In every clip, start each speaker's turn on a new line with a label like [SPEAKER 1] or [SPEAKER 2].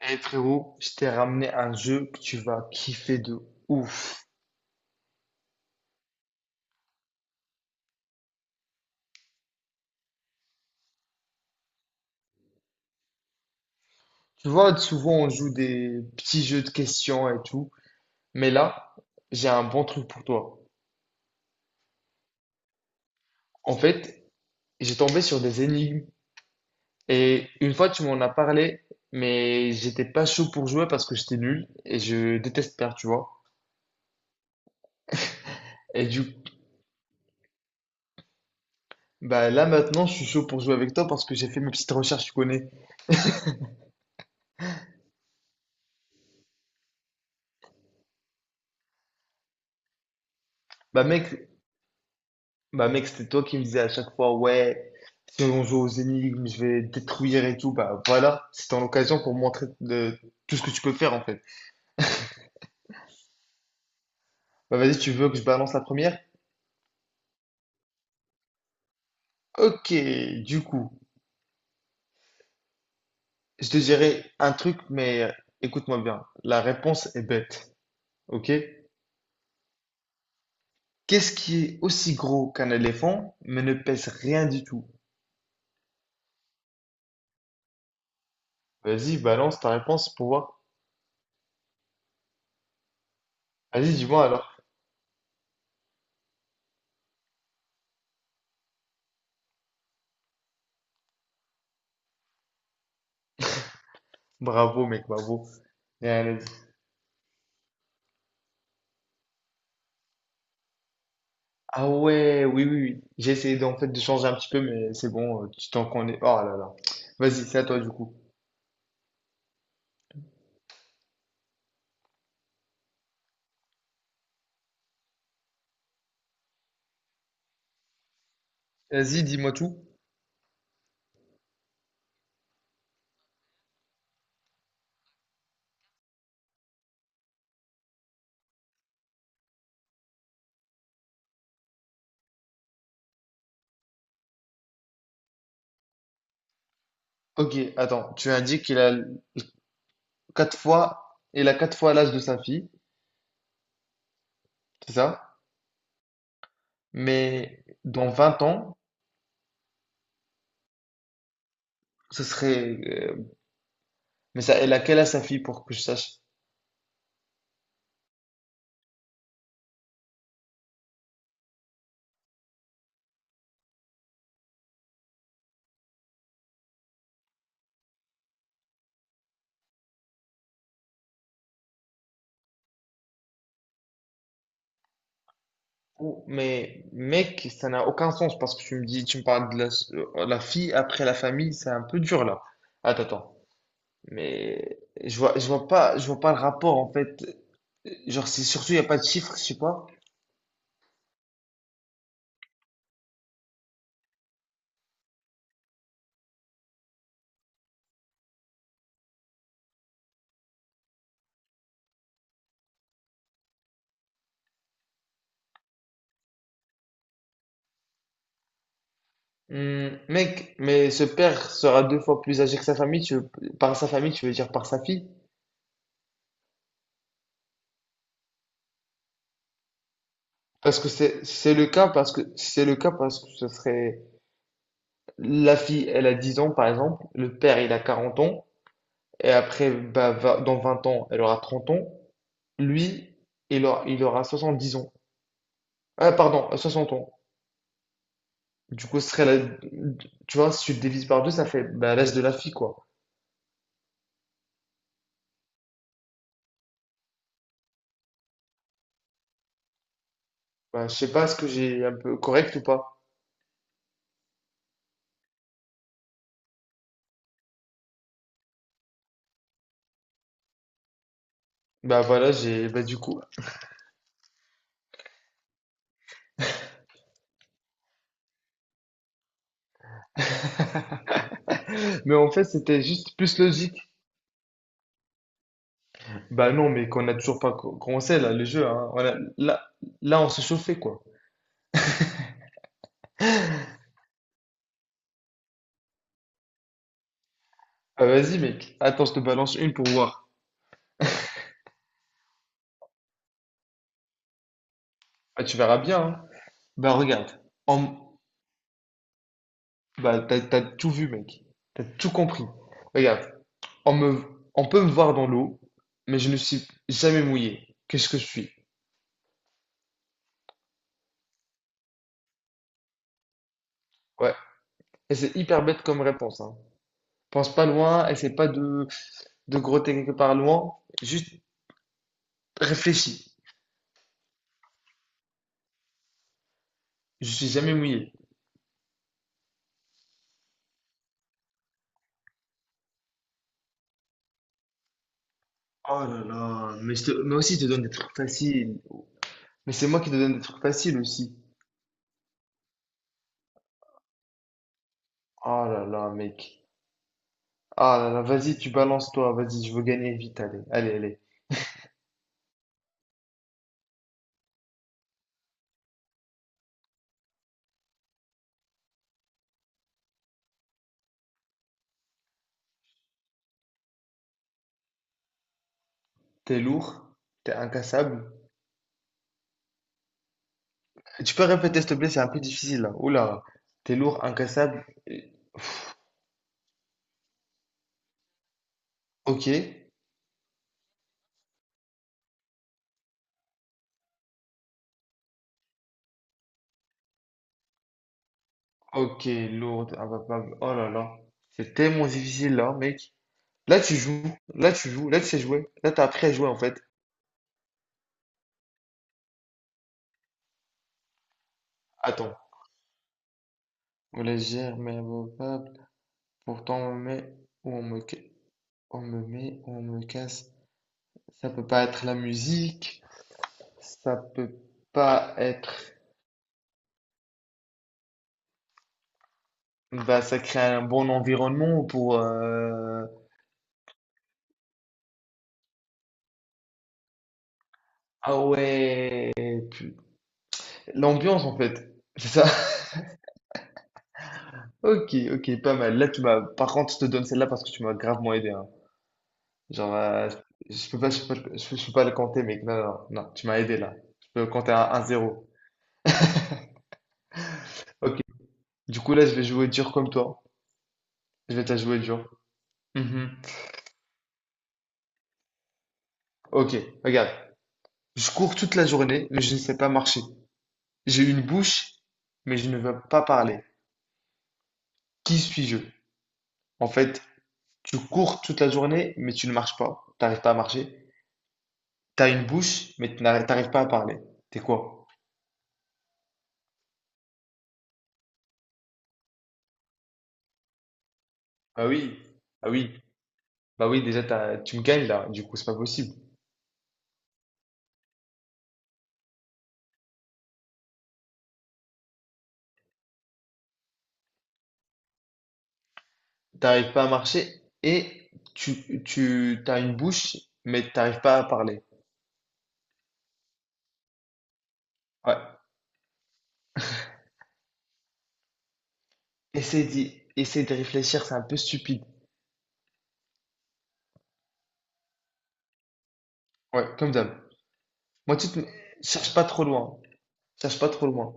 [SPEAKER 1] Eh frérot, je t'ai ramené un jeu que tu vas kiffer de ouf. Tu vois, souvent on joue des petits jeux de questions et tout, mais là, j'ai un bon truc pour toi. En fait, j'ai tombé sur des énigmes et une fois tu m'en as parlé, mais j'étais pas chaud pour jouer parce que j'étais nul et je déteste perdre, tu vois. Et du bah là maintenant, je suis chaud pour jouer avec toi parce que j'ai fait mes petites recherches, tu connais. Bah mec, Bah mec, c'était toi qui me disais à chaque fois, ouais, si on joue aux énigmes, je vais détruire et tout. Bah voilà, c'était en l'occasion pour tout ce que tu peux faire en fait. Bah vas-y, tu veux que je balance la première? Ok, du coup, je te dirai un truc, mais écoute-moi bien. La réponse est bête, ok? Qu'est-ce qui est aussi gros qu'un éléphant, mais ne pèse rien du tout? Vas-y, balance ta réponse pour voir. Vas-y, dis-moi alors. Bravo mec, bravo. Ah ouais, oui, oui, oui. J'ai essayé d'en fait de changer un petit peu, mais c'est bon, tu t'en connais. Oh là là. Vas-y, c'est à toi du coup. Vas-y, dis-moi tout. Ok, attends, tu indiques qu'il a quatre fois l'âge de sa fille, c'est ça? Mais dans 20 ans, ce serait. Mais ça, elle a quel âge sa fille pour que je sache? Mais mec, ça n'a aucun sens parce que tu me parles de la, la fille après la famille, c'est un peu dur là. Attends. Mais je vois pas le rapport en fait. Genre, c'est surtout, il n'y a pas de chiffres je sais pas. Mec, mais ce père sera deux fois plus âgé que sa famille, tu veux dire par sa fille? Parce que c'est le cas, parce que c'est le cas, parce que ce serait la fille, elle a 10 ans par exemple, le père il a 40 ans, et après, bah, dans 20 ans, elle aura 30 ans, lui, il aura 70 ans. Ah, pardon, 60 ans. Du coup, ce serait la… Tu vois, si tu le divises par deux, ça fait bah, l'âge de la fille, quoi. Bah, je sais pas, est-ce que j'ai un peu correct ou pas? Bah voilà, j'ai… Bah du coup… Mais en fait, c'était juste plus logique. Bah non, mais qu'on n'a toujours pas commencé, là, le jeu, hein. Voilà, là, on se chauffait, quoi. Ah, vas-y, mec. Attends, je te balance une pour voir. Ah, tu verras bien, hein. Bah regarde. En… Bah t'as tout vu, mec. T'as tout compris. Regarde. On me… on peut me voir dans l'eau, mais je ne suis jamais mouillé. Qu'est-ce que je suis? Ouais. Et c'est hyper bête comme réponse, hein. Pense pas loin, essaie pas de, de grotter quelque part loin, juste réfléchis. Je suis jamais mouillé. Oh là là, mais aussi je te donne des trucs faciles. Mais c'est moi qui te donne des trucs faciles aussi. Oh là là, mec. Ah là là, vas-y, tu balances toi, vas-y, je veux gagner vite, allez, allez, allez. T'es lourd, t'es incassable. Tu peux répéter s'il te plaît, c'est un peu difficile là. Oula, t'es lourd, incassable. Ok, ok, lourd, imbattable. Oh là là, c'est tellement difficile là, mec. Là, tu joues, là, tu sais jouer, là, t'as appris à jouer en fait. Attends. Légère mais abordable, pourtant ou on me, ca- on me met ou on me casse. Ça peut pas être la musique, ça peut pas être. Bah, ça crée un bon environnement pour. Ah ouais, pu- l'ambiance en fait, c'est ça. Ok, ok, pas mal. Là, tu m'as. Par contre, je te donne celle-là parce que tu m'as gravement aidé. Hein. Genre, je peux pas le compter, mec. Non, non, non, tu m'as aidé là. Je peux compter à 1-0. Ok. Du coup, là, je vais jouer dur comme toi. Je vais te la jouer dur. Mhm. Ok, regarde. Je cours toute la journée, mais je ne sais pas marcher. J'ai une bouche, mais je ne veux pas parler. Qui suis-je? En fait, tu cours toute la journée, mais tu ne marches pas. T'arrives pas à marcher. T'as une bouche, mais t'arrives pas à parler. T'es quoi? Ah oui, ah oui. Bah oui, déjà, tu me gagnes là. Du coup, c'est pas possible. T'arrives pas à marcher et tu as une bouche, mais t'arrives pas à parler. Ouais. Essaye de réfléchir, c'est un peu stupide. Ouais, comme d'hab. Moi, tu te… cherche pas trop loin. Cherche pas trop loin.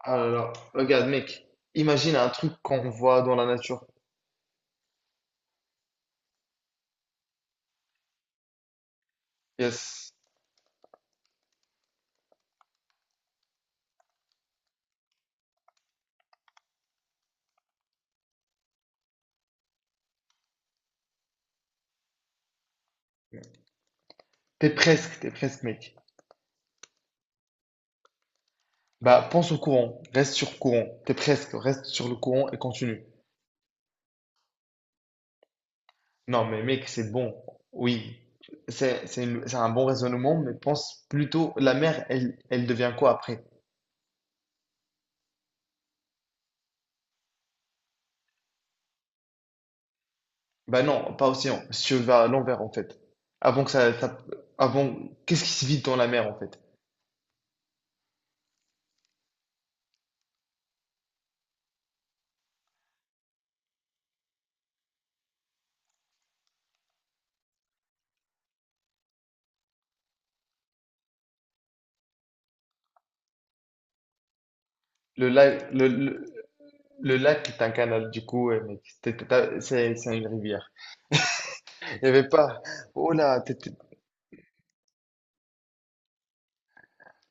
[SPEAKER 1] Ah là là. Regarde, mec. Imagine un truc qu'on voit dans la nature. Yes. T'es presque, mec. Bah, pense au courant. Reste sur courant. T'es presque. Reste sur le courant et continue. Non, mais mec, c'est bon. Oui, c'est un bon raisonnement, mais pense plutôt, la mère, elle devient quoi après? Bah non, pas océan. Si je vais à l'envers, en fait. Avant que ça- avant, qu'est-ce qui se vide dans la mer, en fait? Le lac, le, le, le lac est un canal, du coup, ouais, mec, c'est une rivière. Il n'y avait pas. Oh là, t'es-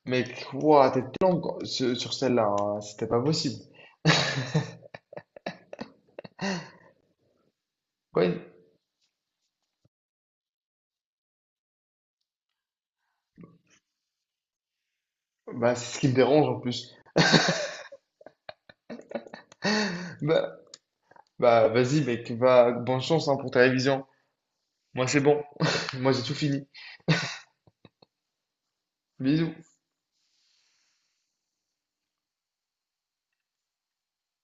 [SPEAKER 1] mec, ouah, t'es long sur, sur celle-là, hein, c'était pas possible. Ouais, bah c'est ce qui me dérange en plus. Bah, Bah, vas-y, mec, va, bonne chance hein, pour ta révision. Moi, c'est bon. Moi, j'ai tout fini. Bisous.